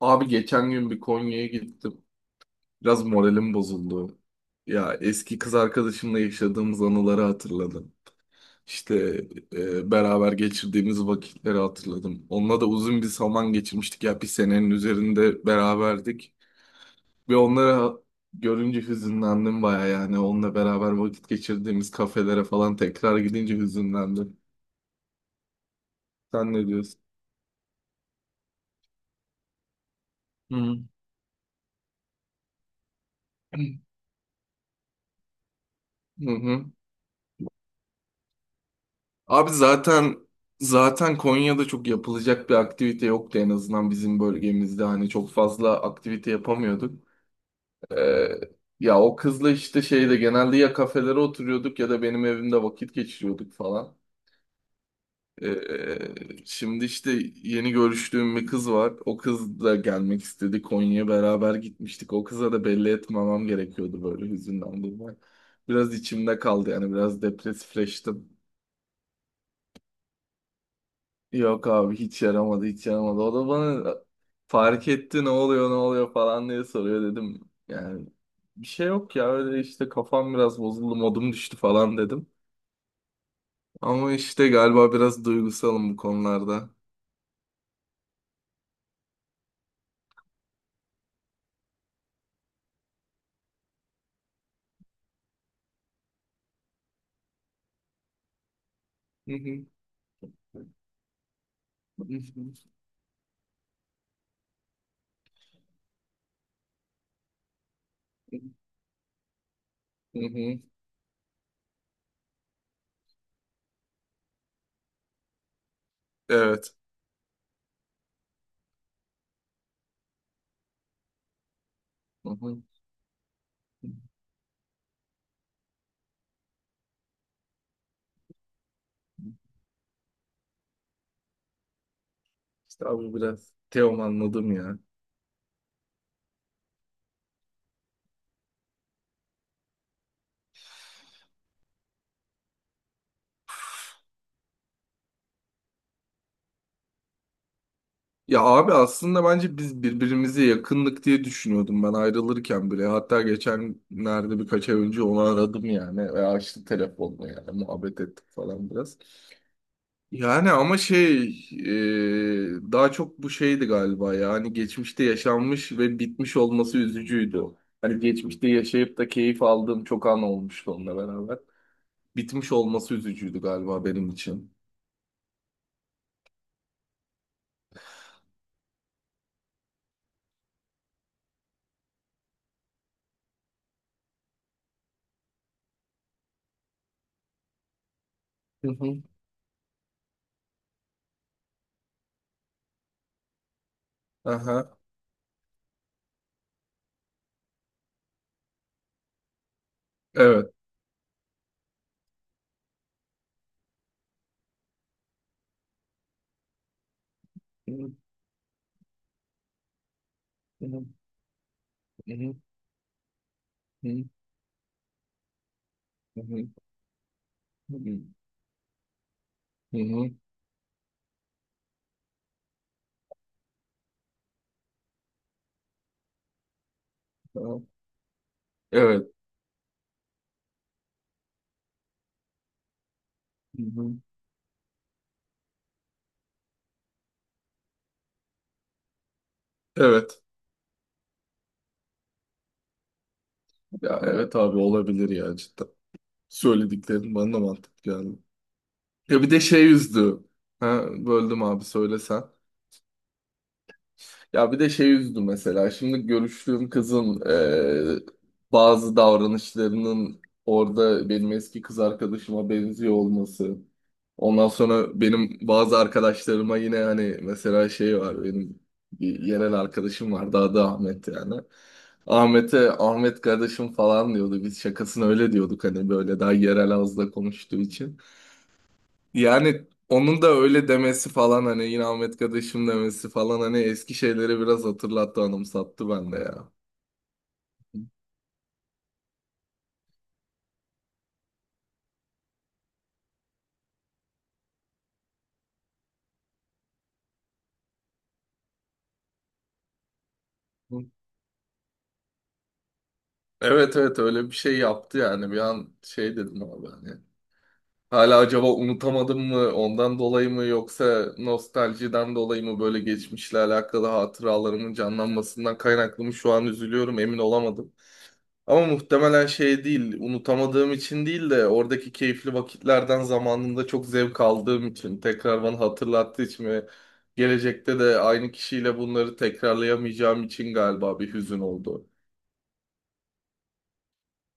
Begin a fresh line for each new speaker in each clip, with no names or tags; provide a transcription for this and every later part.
Abi geçen gün bir Konya'ya gittim. Biraz moralim bozuldu. Ya eski kız arkadaşımla yaşadığımız anıları hatırladım. İşte beraber geçirdiğimiz vakitleri hatırladım. Onunla da uzun bir zaman geçirmiştik. Ya bir senenin üzerinde beraberdik. Ve onlara görünce hüzünlendim baya yani. Onunla beraber vakit geçirdiğimiz kafelere falan tekrar gidince hüzünlendim. Sen ne diyorsun? Hı. Hı hı. Hı. Abi zaten Konya'da çok yapılacak bir aktivite yoktu, en azından bizim bölgemizde, hani çok fazla aktivite yapamıyorduk. Ee, Ya o kızla işte şeyde genelde ya kafelere oturuyorduk ya da benim evimde vakit geçiriyorduk falan. Şimdi işte yeni görüştüğüm bir kız var. O kız da gelmek istedi, Konya'ya beraber gitmiştik. O kıza da belli etmemem gerekiyordu böyle, hüzünden dolayı. Biraz içimde kaldı yani, biraz depresifleştim. Yok abi, hiç yaramadı, hiç yaramadı. O da bana fark etti, ne oluyor ne oluyor falan diye soruyor, dedim. Yani bir şey yok ya, öyle işte, kafam biraz bozuldu, modum düştü falan dedim. Ama işte galiba biraz duygusalım bu konularda. Hı hı. Hı hı. Hı hı. Evet. Hı hı. İşte abi biraz Teoman anladım ya. Ya abi aslında bence biz birbirimize yakınlık diye düşünüyordum ben ayrılırken bile. Hatta geçenlerde, birkaç ay önce onu aradım yani, ve açtı telefonla, yani muhabbet ettik falan biraz. Yani ama şey, daha çok bu şeydi galiba, ya hani geçmişte yaşanmış ve bitmiş olması üzücüydü. Hani geçmişte yaşayıp da keyif aldığım çok an olmuştu onunla beraber. Bitmiş olması üzücüydü galiba benim için. Hı hı. Aha. Evet. Hı hı. Hı hı. Hı hı. Hı hı. Hı hı. Tamam. Evet. Hı hı. Evet. Ya evet abi, olabilir ya, cidden. Söylediklerin bana da mantıklı geldi. Ya bir de şey üzdü. Ha, böldüm abi, söylesen. Ya bir de şey üzdü mesela. Şimdi görüştüğüm kızın e, bazı davranışlarının orada benim eski kız arkadaşıma benziyor olması. Ondan sonra benim bazı arkadaşlarıma yine, hani mesela şey var, benim bir yerel arkadaşım vardı, adı Ahmet yani. Ahmet'e Ahmet kardeşim falan diyordu. Biz şakasını öyle diyorduk, hani böyle daha yerel ağızla konuştuğu için. Yani onun da öyle demesi falan, hani yine Ahmet kardeşim demesi falan, hani eski şeyleri biraz hatırlattı, anımsattı bende ya. Evet evet, öyle bir şey yaptı yani, bir an şey dedim abi hani. Hala acaba unutamadım mı, ondan dolayı mı, yoksa nostaljiden dolayı mı, böyle geçmişle alakalı hatıralarımın canlanmasından kaynaklı mı şu an üzülüyorum, emin olamadım. Ama muhtemelen şey değil, unutamadığım için değil de oradaki keyifli vakitlerden zamanında çok zevk aldığım için, tekrar bana hatırlattığı için ve gelecekte de aynı kişiyle bunları tekrarlayamayacağım için galiba bir hüzün oldu.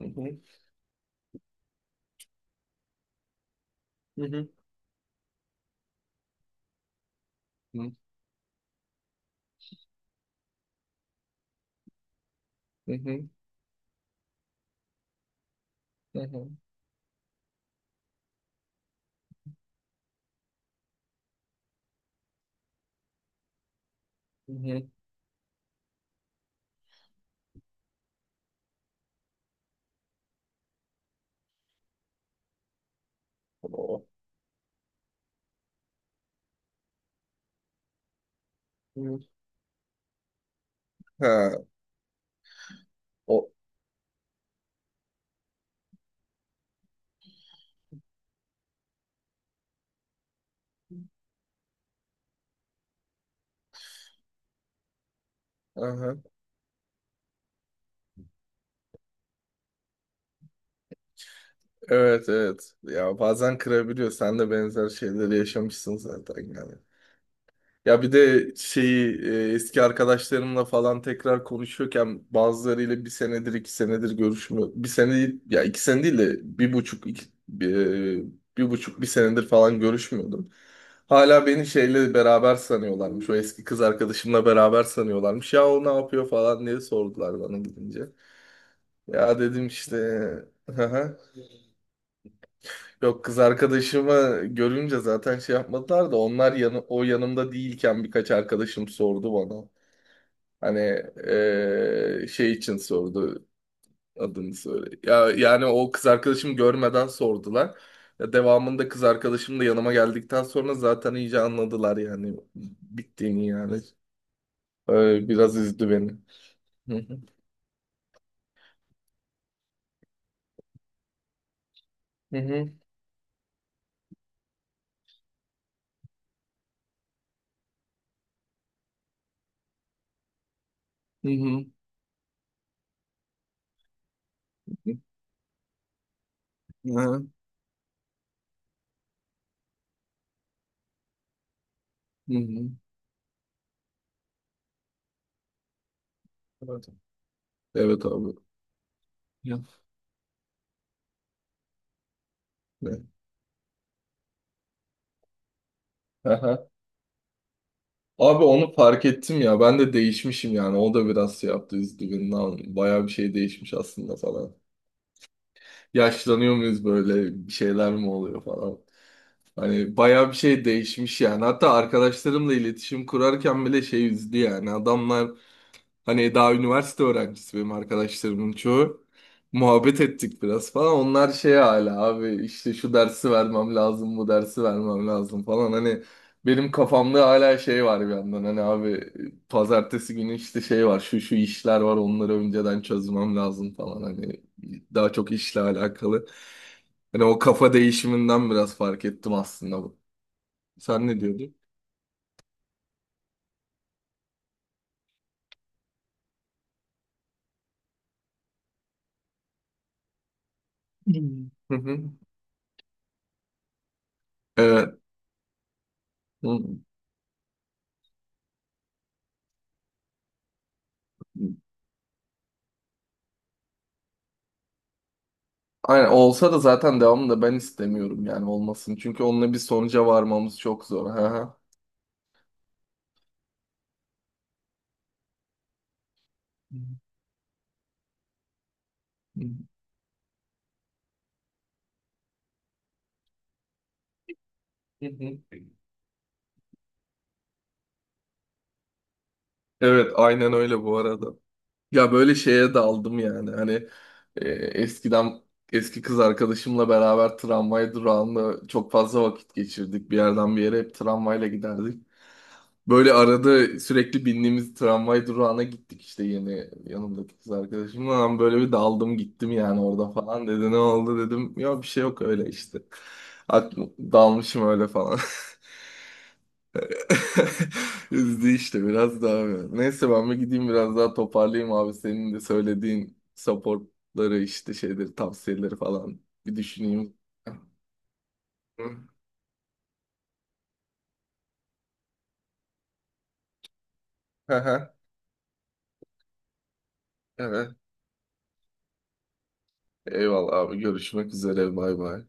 Hı hı, hı hı, hı hı, hı hı, hı hı. O, hı. Ha, o, aha. Evet evet. Ya bazen kırabiliyor. Sen de benzer şeyleri yaşamışsın zaten yani. Ya bir de şeyi eski arkadaşlarımla falan tekrar konuşuyorken, bazılarıyla bir senedir iki senedir görüşmüyor. Bir sene değil- ya iki sene değil de bir buçuk iki, bir, e, bir buçuk bir senedir falan görüşmüyordum. Hala beni şeyle beraber sanıyorlarmış. O eski kız arkadaşımla beraber sanıyorlarmış. Ya o ne yapıyor falan diye sordular bana gidince. Ya dedim işte. Yok, kız arkadaşımı görünce zaten şey yapmadılar da, onlar yanı, o yanımda değilken birkaç arkadaşım sordu bana. Hani şey için sordu adını söyle. Ya yani o kız arkadaşımı görmeden sordular. Ya devamında kız arkadaşım da yanıma geldikten sonra zaten iyice anladılar yani, bittiğini yani. Öyle biraz üzdü beni. Hı hı. Hı hı. Hı hı. Hı hı. Hı hı. Evet, evet abi. Ya. Ne? Aha. Abi onu fark ettim ya, ben de değişmişim yani, o da biraz şey yaptı, üzdü beni. Lan bayağı bir şey değişmiş aslında falan. Yaşlanıyor muyuz, böyle bir şeyler mi oluyor falan. Hani bayağı bir şey değişmiş yani. Hatta arkadaşlarımla iletişim kurarken bile şey üzdü yani. Adamlar, hani daha üniversite öğrencisi benim arkadaşlarımın çoğu. Muhabbet ettik biraz falan. Onlar şey, hala abi işte şu dersi vermem lazım, bu dersi vermem lazım falan. Hani benim kafamda hala şey var bir yandan. Hani abi, pazartesi günü işte şey var, şu şu işler var, onları önceden çözmem lazım falan. Hani daha çok işle alakalı. Hani o kafa değişiminden biraz fark ettim aslında bu. Sen ne diyordun? Hmm. Hı hı. Evet. Hı. Aynen, olsa da zaten devamını da ben istemiyorum yani, olmasın. Çünkü onunla bir sonuca varmamız çok zor. Hı hı. Hı hı. Evet aynen öyle bu arada. Ya böyle şeye daldım yani, hani eskiden eski kız arkadaşımla beraber tramvay durağında çok fazla vakit geçirdik. Bir yerden bir yere hep tramvayla giderdik. Böyle arada sürekli bindiğimiz tramvay durağına gittik işte, yeni yanımdaki kız arkadaşımla. Ben böyle bir daldım gittim yani orada falan dedi. Ne oldu dedim. Ya bir şey yok, öyle işte. Aklım, dalmışım öyle falan. Üzdü işte biraz daha böyle. Neyse, ben bir gideyim, biraz daha toparlayayım abi. Senin de söylediğin supportları, işte şeyleri, tavsiyeleri falan bir düşüneyim. Hı. Hı hı. Evet. Eyvallah abi, görüşmek üzere, bay bay.